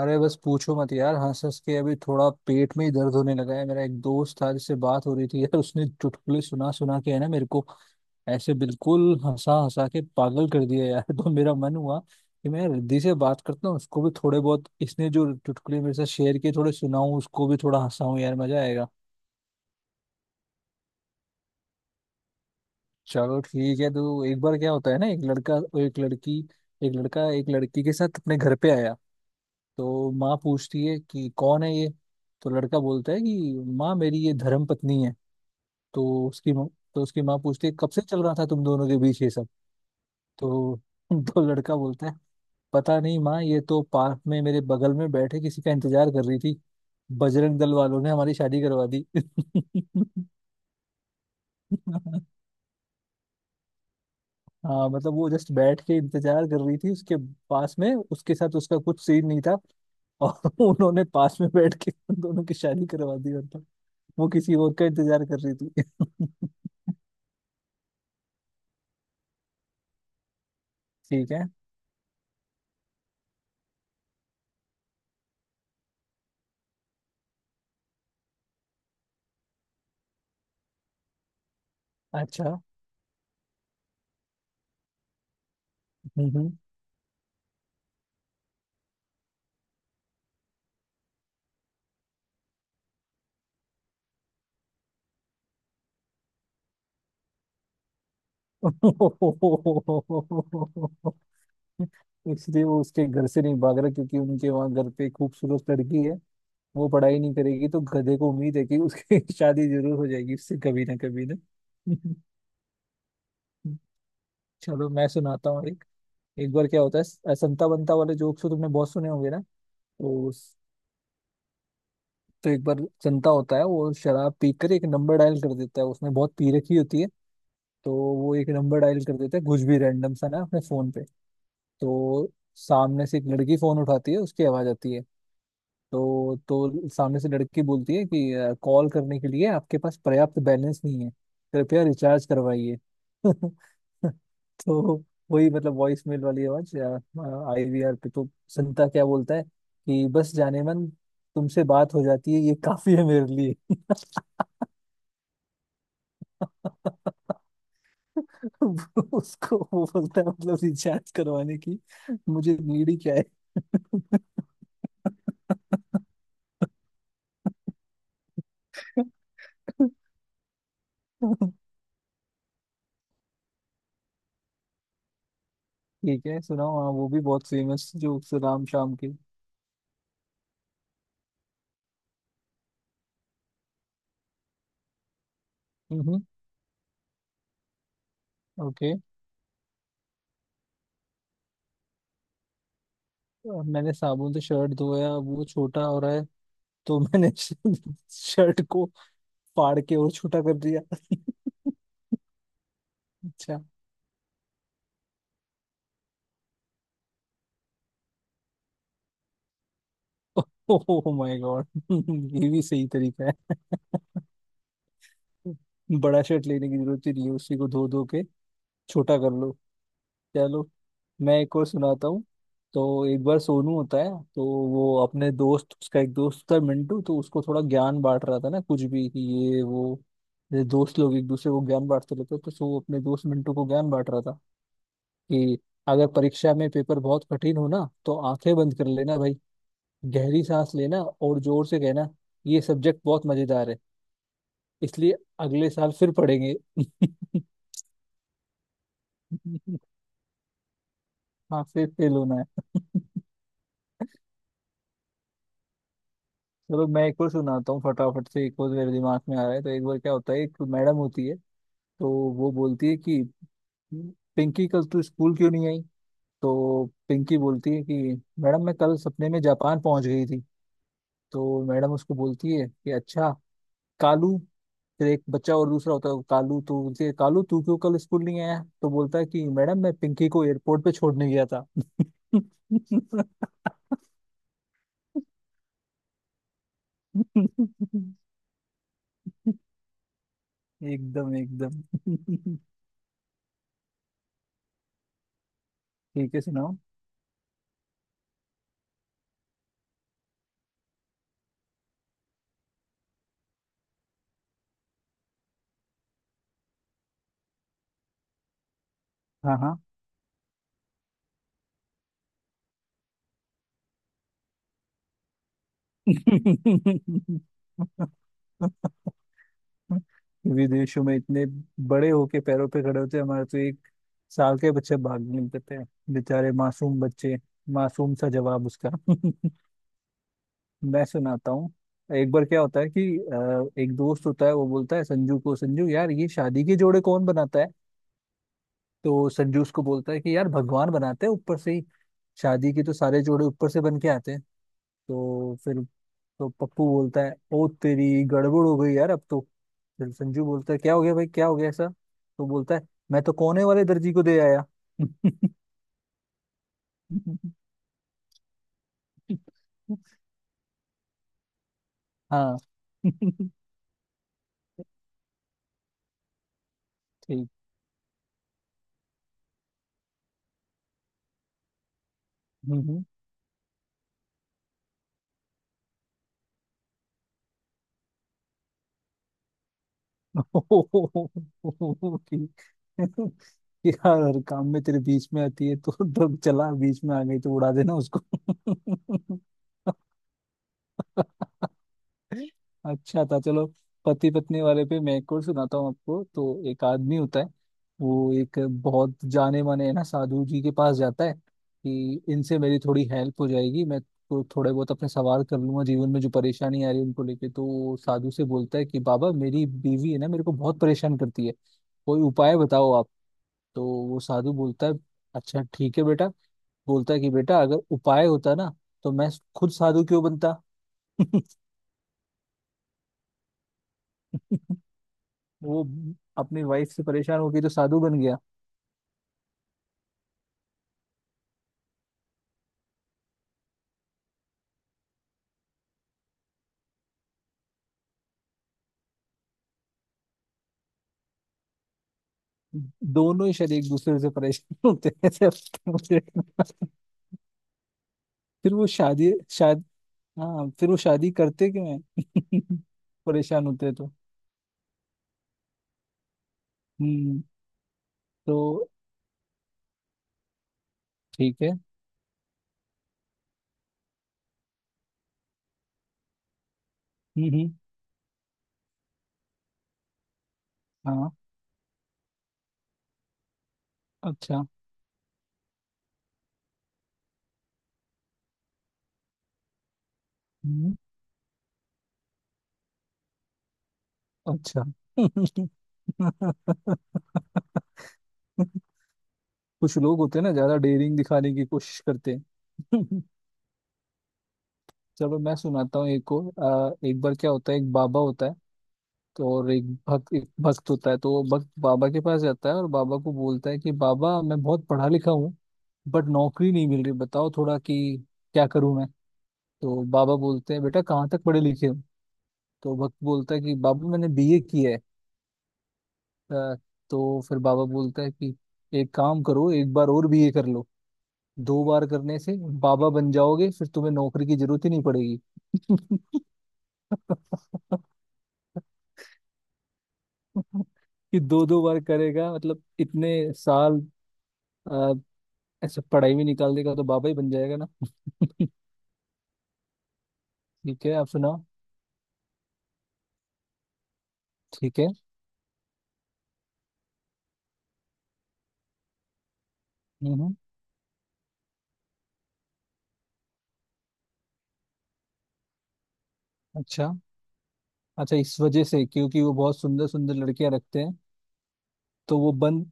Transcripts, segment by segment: अरे बस पूछो मत यार, हंस हंस के अभी थोड़ा पेट में ही दर्द होने लगा है। मेरा एक दोस्त था जिससे बात हो रही थी यार, उसने चुटकुले सुना सुना के है ना मेरे को ऐसे बिल्कुल हंसा हंसा के पागल कर दिया यार। तो मेरा मन हुआ कि मैं रिद्धि से बात करता हूँ, उसको भी थोड़े बहुत इसने जो चुटकुले मेरे साथ शेयर किए थोड़े सुनाऊं, उसको भी थोड़ा हंसाऊं यार, मजा आएगा। चलो ठीक है। तो एक बार क्या होता है ना, एक लड़का और एक लड़की, एक लड़का एक लड़की के साथ अपने घर पे आया। तो माँ पूछती है कि कौन है ये। तो लड़का बोलता है कि माँ मेरी ये धर्म पत्नी है। तो उसकी माँ, तो उसकी माँ पूछती है, कब से चल रहा था तुम दोनों के बीच ये सब। तो तो लड़का बोलता है, पता नहीं माँ, ये तो पार्क में मेरे बगल में बैठे किसी का इंतजार कर रही थी, बजरंग दल वालों ने हमारी शादी करवा दी। हाँ, मतलब वो जस्ट बैठ के इंतजार कर रही थी उसके पास में, उसके साथ उसका कुछ सीन नहीं था। और उन्होंने पास में बैठ के उन दोनों की शादी करवा दी, मतलब वो किसी और का इंतजार कर रही थी। ठीक है। अच्छा। हम्म। हम्म। इसलिए वो उसके घर से नहीं भाग रहा, क्योंकि उनके वहाँ घर पे एक खूबसूरत लड़की है। वो पढ़ाई नहीं करेगी तो गधे को उम्मीद है कि उसकी शादी जरूर हो जाएगी उससे कभी ना कभी ना। चलो, मैं सुनाता हूँ एक। एक बार क्या होता है, संता बंता वाले जोक्स तो तुमने बहुत सुने होंगे ना। तो एक बार जनता होता है, वो शराब पीकर एक नंबर डायल कर देता है, उसने बहुत पी रखी होती है। तो वो एक नंबर डायल कर देता है कुछ भी रैंडम सा ना अपने फोन पे। तो सामने से एक लड़की फोन उठाती है, उसकी आवाज आती है। तो सामने से लड़की बोलती है कि कॉल करने के लिए आपके पास पर्याप्त बैलेंस नहीं है, कृपया रिचार्ज करवाइए। तो वही मतलब वॉइस मेल वाली आवाज, आईवीआर पे। तो संता क्या बोलता है कि बस जाने मन, तुमसे बात हो जाती है, ये काफी है मेरे लिए। उसको वो बोलता है, मतलब रिचार्ज करवाने की मुझे नीड ही क्या है। ठीक है, सुनाओ। हाँ, वो भी बहुत फेमस जोक्स, राम शाम के। हम्म। ओके। मैंने साबुन से शर्ट धोया वो छोटा हो रहा है, तो मैंने शर्ट को फाड़ के और छोटा कर दिया। अच्छा। Oh my God. ये भी सही तरीका है। बड़ा शर्ट लेने की जरूरत ही नहीं है, उसी को धो धो के छोटा कर लो। चलो मैं एक और सुनाता हूँ। तो एक बार सोनू होता है, तो वो अपने दोस्त, उसका एक दोस्त था मिंटू, तो उसको थोड़ा ज्ञान बांट रहा था ना कुछ भी, कि ये वो, ये दोस्त लोग एक दूसरे को ज्ञान बांटते रहते हैं। तो सो वो अपने दोस्त मिंटू को ज्ञान बांट रहा था कि अगर परीक्षा में पेपर बहुत कठिन हो ना, तो आंखें बंद कर लेना भाई, गहरी सांस लेना, और जोर से कहना, ये सब्जेक्ट बहुत मजेदार है, इसलिए अगले साल फिर पढ़ेंगे। हाँ, फिर फेल होना है। चलो मैं एक और सुनाता हूँ, फटाफट से, एक और मेरे दिमाग में आ रहा है। तो एक बार क्या होता है, एक मैडम होती है। तो वो बोलती है कि पिंकी कल तू स्कूल क्यों नहीं आई। तो पिंकी बोलती है कि मैडम मैं कल सपने में जापान पहुंच गई थी। तो मैडम उसको बोलती है कि अच्छा। कालू, फिर एक बच्चा और दूसरा होता है कालू, तो बोलती है, कालू तू क्यों कल स्कूल नहीं आया। तो बोलता है कि मैडम मैं पिंकी को एयरपोर्ट पे छोड़ने गया था। एकदम एकदम। ठीक है, सुनाओ। हाँ हाँ। विदेशों में इतने बड़े होके पैरों पे खड़े होते हैं, हमारे तो एक साल के बच्चे भाग निकलते हैं। बेचारे मासूम बच्चे। मासूम सा जवाब उसका। मैं सुनाता हूँ। एक बार क्या होता है कि एक दोस्त होता है, वो बोलता है संजू को, संजू यार ये शादी के जोड़े कौन बनाता है। तो संजू उसको बोलता है कि यार भगवान बनाते हैं ऊपर से ही, शादी के तो सारे जोड़े ऊपर से बन के आते हैं। तो फिर, तो पप्पू बोलता है, ओ तेरी गड़बड़ हो गई यार अब तो। फिर संजू बोलता है, क्या हो गया भाई, क्या हो गया ऐसा। तो बोलता है, मैं तो कोने वाले दर्जी को दे आया। हाँ। ठीक। हम्म, हम्म। ठीक यार, हर काम में तेरे बीच में आती है, तो ट्रक चला, बीच में आ गई तो उड़ा देना उसको। अच्छा था। चलो, पति पत्नी वाले पे मैं एक और सुनाता हूँ आपको। तो एक आदमी होता है, वो एक बहुत जाने माने है ना साधु जी के पास जाता है, कि इनसे मेरी थोड़ी हेल्प हो जाएगी, मैं तो थोड़े बहुत अपने सवाल कर लूंगा जीवन में जो परेशानी आ रही है उनको लेके। तो वो साधु से बोलता है कि बाबा मेरी बीवी है ना, मेरे को बहुत परेशान करती है, कोई उपाय बताओ आप। तो वो साधु बोलता है, अच्छा ठीक है बेटा। बोलता है कि बेटा, अगर उपाय होता ना, तो मैं खुद साधु क्यों बनता। वो अपनी वाइफ से परेशान होके जो साधु बन गया। दोनों ही शायद एक दूसरे से परेशान होते हैं, ऐसे लगता है मुझे। फिर वो शादी शाद हाँ, फिर वो शादी करते क्यों है? परेशान होते हैं तो। हम्म। तो ठीक है। हम्म, हम्म। हाँ। अच्छा। हम्म। अच्छा। कुछ लोग होते हैं ना, ज्यादा डेयरिंग दिखाने की कोशिश करते हैं। चलो मैं सुनाता हूँ एक को, एक बार क्या होता है, एक बाबा होता है। तो और एक भक्त होता है। तो वो भक्त बाबा के पास जाता है और बाबा को बोलता है कि बाबा मैं बहुत पढ़ा लिखा हूँ, बट नौकरी नहीं मिल रही, बताओ थोड़ा कि क्या करूँ मैं। तो बाबा बोलते हैं, बेटा कहाँ तक पढ़े लिखे हो। तो भक्त बोलता है कि बाबा मैंने बीए किया है। अ, तो फिर बाबा बोलता है कि एक काम करो, एक बार और बीए कर लो, दो बार करने से बाबा बन जाओगे, फिर तुम्हें नौकरी की जरूरत ही नहीं पड़ेगी। कि दो दो बार करेगा, मतलब इतने साल आ, ऐसे पढ़ाई में निकाल देगा, तो बाबा ही बन जाएगा ना। ठीक है, आप सुनाओ। ठीक है। हम्म। अच्छा। अच्छा, इस वजह से, क्योंकि वो बहुत सुंदर सुंदर लड़कियां रखते हैं। तो वो बन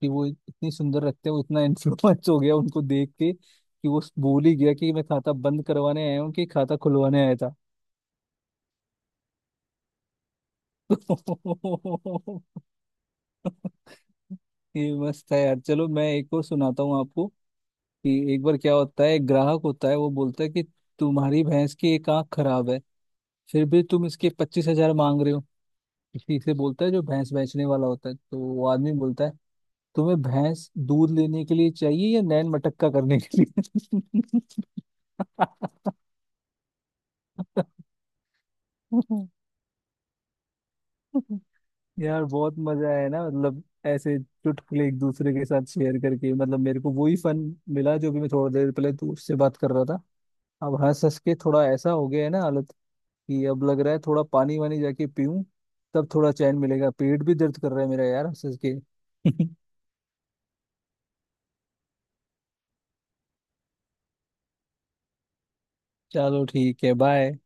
कि वो इतनी सुंदर रखते हैं, वो इतना इन्फ्लुएंस हो गया उनको देख के कि वो भूल ही गया कि मैं खाता बंद करवाने आया हूँ कि खाता खुलवाने आया था। ये मस्त है यार, चलो मैं एक और सुनाता हूँ आपको, कि एक बार क्या होता है, एक ग्राहक होता है, वो बोलता है कि तुम्हारी भैंस की एक आंख खराब है, फिर भी तुम इसके 25,000 मांग रहे हो, किसी से बोलता है जो भैंस बेचने वाला होता है। तो वो आदमी बोलता है, तुम्हें भैंस दूध लेने के लिए चाहिए या नैन मटक्का करने के लिए। यार बहुत मजा आया ना, मतलब ऐसे चुटकुले एक दूसरे के साथ शेयर करके, मतलब मेरे को वही फन मिला, जो भी मैं थोड़ी देर पहले तू उससे बात कर रहा था। अब हंस हंस के थोड़ा ऐसा हो गया है ना हालत, कि अब लग रहा है थोड़ा पानी वानी जाके पीऊं, तब थोड़ा चैन मिलेगा। पेट भी दर्द कर रहा है मेरा यार, हंस हंस के। चलो ठीक है, बाय।